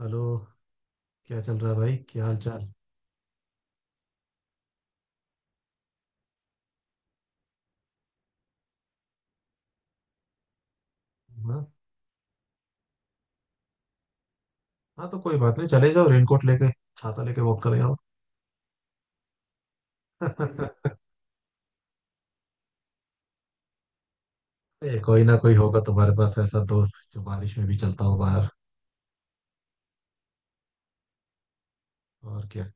Hello. क्या चल रहा है भाई, क्या हाल चाल। हाँ, हाँ तो कोई बात नहीं, चले जाओ रेनकोट लेके, छाता लेके वॉक कर आओ। ये कोई ना कोई होगा तुम्हारे पास ऐसा दोस्त जो बारिश में भी चलता हो बाहर। और क्या,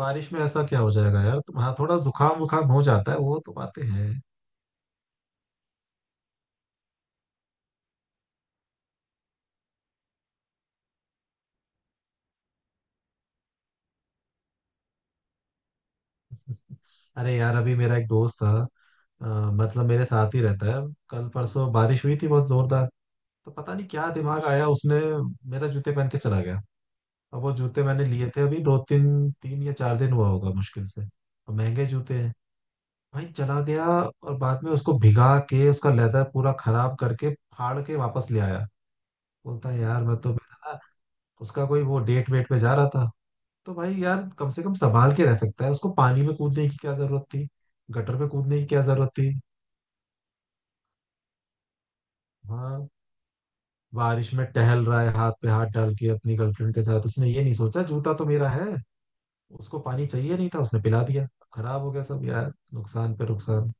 बारिश में ऐसा क्या हो जाएगा यार तुम, हाँ थोड़ा जुकाम वुकाम हो जाता है, वो तो बातें हैं। अरे यार अभी मेरा एक दोस्त था, मतलब मेरे साथ ही रहता है। कल परसों बारिश हुई थी बहुत जोरदार। तो पता नहीं क्या दिमाग आया उसने, मेरा जूते पहन के चला गया। अब वो जूते मैंने लिए थे अभी दो तीन तीन या चार दिन हुआ होगा मुश्किल से, और महंगे जूते हैं भाई, चला गया। और बाद में उसको भिगा के, उसका लेदर पूरा खराब करके, फाड़ के वापस ले आया। बोलता है यार मैं तो, मेरा ना उसका कोई वो डेट वेट पे जा रहा था। तो भाई यार कम से कम संभाल के रह सकता है, उसको पानी में कूदने की क्या जरूरत थी, गटर में कूदने की क्या जरूरत थी। हाँ, बारिश में टहल रहा है हाथ पे हाथ डाल के अपनी गर्लफ्रेंड के साथ, उसने ये नहीं सोचा जूता तो मेरा है। उसको पानी चाहिए नहीं था, उसने पिला दिया। खराब हो गया सब यार, नुकसान पे नुकसान।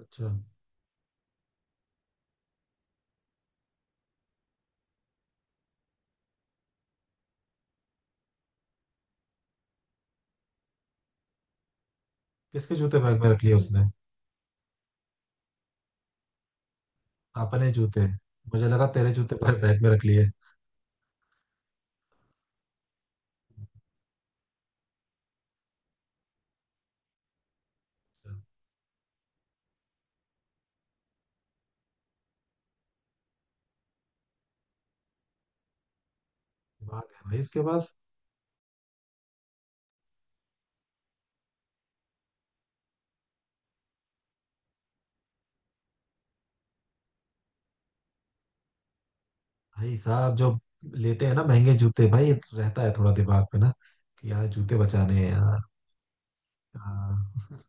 अच्छा, किसके जूते बैग में रख लिए उसने, अपने जूते? मुझे लगा तेरे जूते बैग में रख लिए। अच्छा, दिमाग है भाई उसके पास। भाई साहब जो लेते हैं ना महंगे जूते, भाई रहता है थोड़ा दिमाग पे ना, कि यार जूते बचाने हैं यार। हाँ।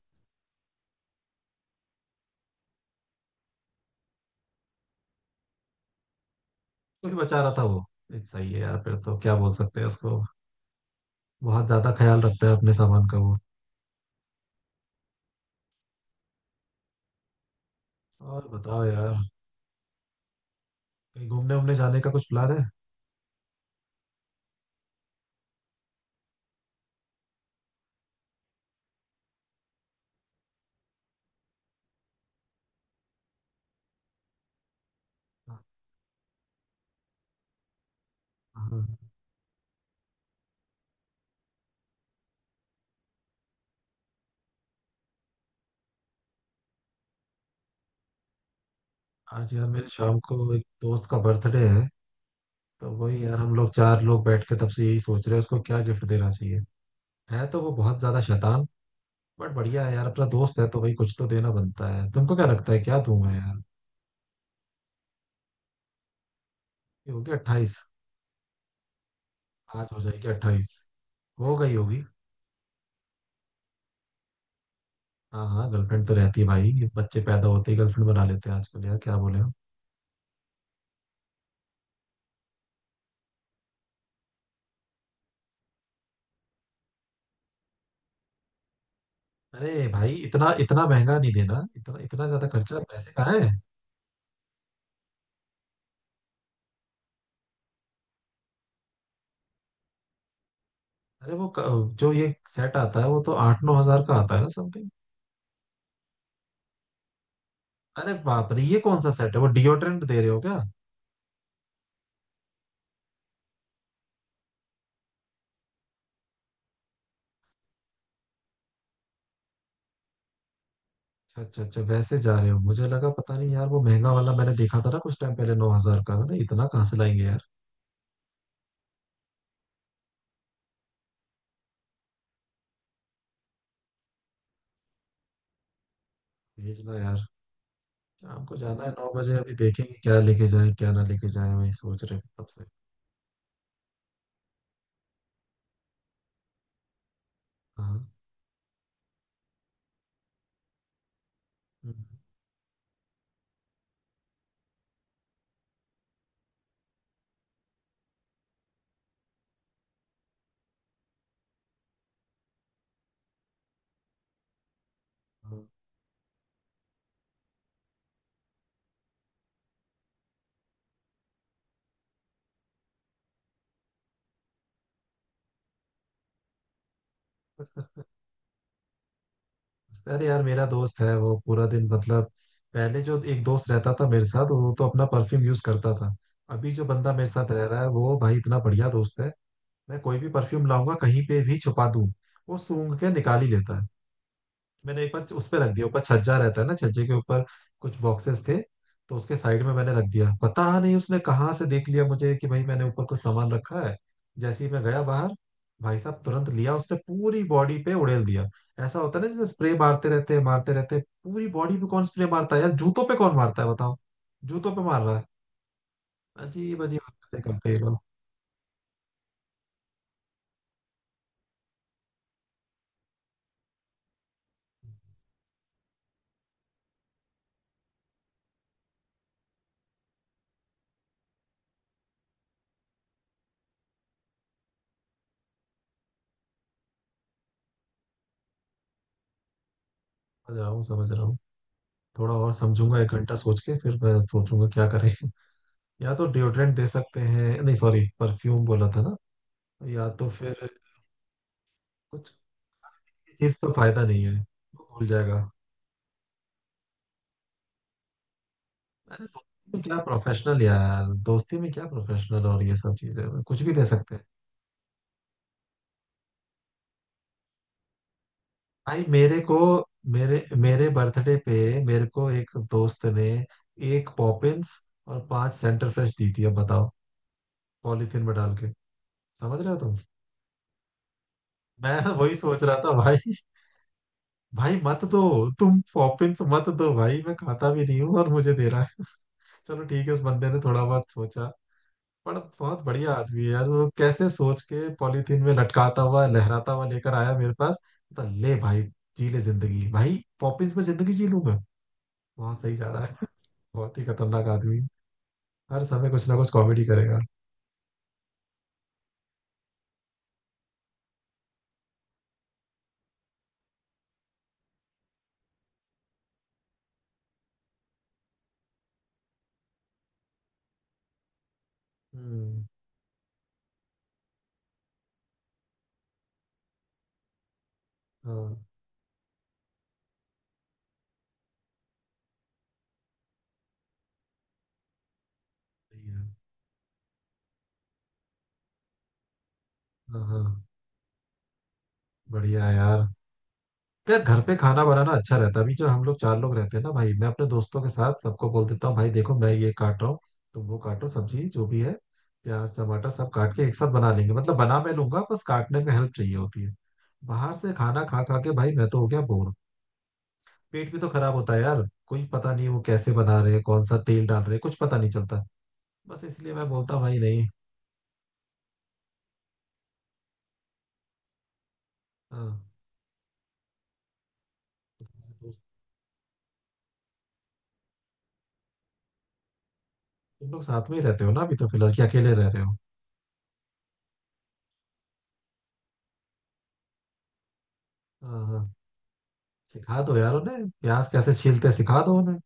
कुछ बचा रहा था वो, ये सही है यार, फिर तो क्या बोल सकते हैं उसको। बहुत ज्यादा ख्याल रखता है अपने सामान का वो। और बताओ यार, कहीं घूमने उमने जाने का कुछ प्लान है? हाँ, आज यार मेरे शाम को एक दोस्त का बर्थडे है। तो वही यार हम लोग चार लोग बैठ के तब से यही सोच रहे हैं उसको क्या गिफ्ट देना चाहिए। है तो वो बहुत ज्यादा शैतान, बट बढ़िया है यार, अपना दोस्त है तो भाई कुछ तो देना बनता है। तुमको क्या लगता है क्या दूं मैं यार। ये होगी 28, आज हो जाएगी 28, हो गई होगी। हाँ हाँ, गर्लफ्रेंड तो रहती है भाई, ये बच्चे पैदा होते ही गर्लफ्रेंड बना लेते हैं आजकल यार, क्या बोले हो। अरे भाई इतना इतना महंगा नहीं देना, इतना इतना ज्यादा खर्चा, पैसे कहाँ है। अरे वो जो ये सेट आता है वो तो 8-9 हजार का आता है ना समथिंग। अरे बाप रे, ये कौन सा सेट है, वो डिओड्रेंट दे रहे हो क्या? अच्छा अच्छा अच्छा, वैसे जा रहे हो। मुझे लगा पता नहीं यार, वो महंगा वाला मैंने देखा था ना कुछ टाइम पहले 9 हजार का, मैंने इतना कहाँ से लाएंगे यार। भेजना यार। शाम को जाना है 9 बजे, अभी देखेंगे क्या लेके जाए क्या ना लेके जाए, वही सोच रहे थे तब से। हाँ। हम्म, हाँ। अरे यार मेरा दोस्त है वो पूरा दिन मतलब, पहले जो एक दोस्त रहता था मेरे साथ वो तो अपना परफ्यूम यूज करता था। अभी जो बंदा मेरे साथ रह रहा है वो भाई इतना बढ़िया दोस्त है, मैं कोई भी परफ्यूम लाऊंगा कहीं पे भी छुपा दूं, वो सूंघ के निकाल ही लेता है। मैंने एक बार उस पे रख दिया, ऊपर छज्जा रहता है ना, छज्जे के ऊपर कुछ बॉक्सेस थे, तो उसके साइड में मैंने रख दिया। पता नहीं उसने कहाँ से देख लिया मुझे कि भाई मैंने ऊपर कुछ सामान रखा है। जैसे ही मैं गया बाहर, भाई साहब तुरंत लिया उसने, पूरी बॉडी पे उड़ेल दिया। ऐसा होता है ना जैसे स्प्रे मारते रहते हैं पूरी बॉडी पे, कौन स्प्रे मारता है यार, जूतों पे कौन मारता है बताओ, जूतों पे मार रहा है। अजीब अजीब हरकतें करते हैं ये लोग। समझ रहा हूँ समझ रहा हूँ, थोड़ा और समझूंगा, एक घंटा सोच के फिर मैं सोचूंगा क्या करें। या तो डिओड्रेंट दे सकते हैं, नहीं सॉरी परफ्यूम बोला था ना, या तो फिर कुछ, चीज तो फायदा नहीं है, वो भूल जाएगा। अरे दोस्ती में क्या प्रोफेशनल यार, दोस्ती में क्या प्रोफेशनल, और ये सब चीजें कुछ भी दे सकते हैं। भाई मेरे को, मेरे मेरे बर्थडे पे मेरे को एक दोस्त ने एक पॉपिंस और पांच सेंटर फ्रेश दी थी, अब बताओ, पॉलीथिन में डाल के। समझ रहे हो तुम, मैं वही सोच रहा था भाई, भाई मत दो, तुम पॉपिंस मत दो भाई, मैं खाता भी नहीं हूँ और मुझे दे रहा है। चलो ठीक है, उस बंदे ने थोड़ा बहुत सोचा, पर बहुत बढ़िया आदमी है यार, वो कैसे सोच के पॉलीथीन में लटकाता हुआ लहराता हुआ लेकर आया मेरे पास। तो ले भाई, जी ले जिंदगी, भाई पॉपिंस में जिंदगी जी लूं मैं। बहुत सही जा रहा है। बहुत ही खतरनाक आदमी, हर समय कुछ ना कुछ कॉमेडी करेगा। हम्म, हाँ सही है। हाँ हाँ, बढ़िया है यार। यार घर पे खाना बनाना अच्छा रहता है। अभी जो हम लोग चार लोग रहते हैं ना भाई, मैं अपने दोस्तों के साथ सबको बोल देता हूँ भाई देखो मैं ये काट रहा हूँ, तुम वो काटो, सब्जी जो भी है, प्याज टमाटर सब काट के एक साथ बना लेंगे, मतलब बना मैं लूंगा बस काटने में हेल्प चाहिए होती है। बाहर से खाना खा खा के भाई मैं तो हो गया बोर, पेट भी तो खराब होता है यार। कोई पता नहीं वो कैसे बना रहे हैं, कौन सा तेल डाल रहे हैं, कुछ पता नहीं चलता। बस इसलिए मैं बोलता हूँ, भाई नहीं। हाँ, तुम लोग साथ में ही रहते हो ना अभी तो, फिलहाल कि अकेले रह रहे हो। हाँ हाँ, सिखा दो यार उन्हें प्याज कैसे छीलते हैं, सिखा दो उन्हें।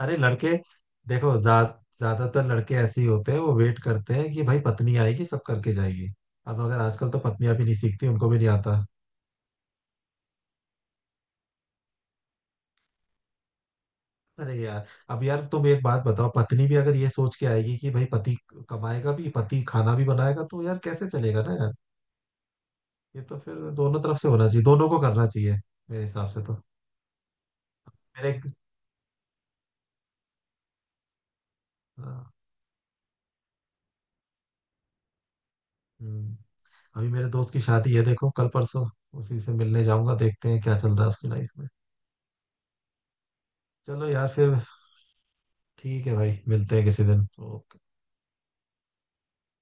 अरे लड़के, देखो जा, ज्यादातर लड़के ऐसे ही होते हैं, वो वेट करते हैं कि भाई पत्नी आएगी सब करके जाएगी। अब अगर आजकल तो पत्नियां भी नहीं सीखती, उनको भी नहीं आता। अरे यार, अब यार तुम एक बात बताओ, पत्नी भी अगर ये सोच के आएगी कि भाई पति कमाएगा भी पति खाना भी बनाएगा तो यार कैसे चलेगा ना यार। ये तो फिर दोनों तरफ से होना चाहिए, दोनों को करना चाहिए, मेरे हिसाब से तो। मेरे एक, हाँ, हम्म, अभी मेरे दोस्त की शादी है देखो कल परसों, उसी से मिलने जाऊंगा, देखते हैं क्या चल रहा है उसकी लाइफ में। चलो यार फिर, ठीक है भाई, मिलते हैं किसी दिन तो।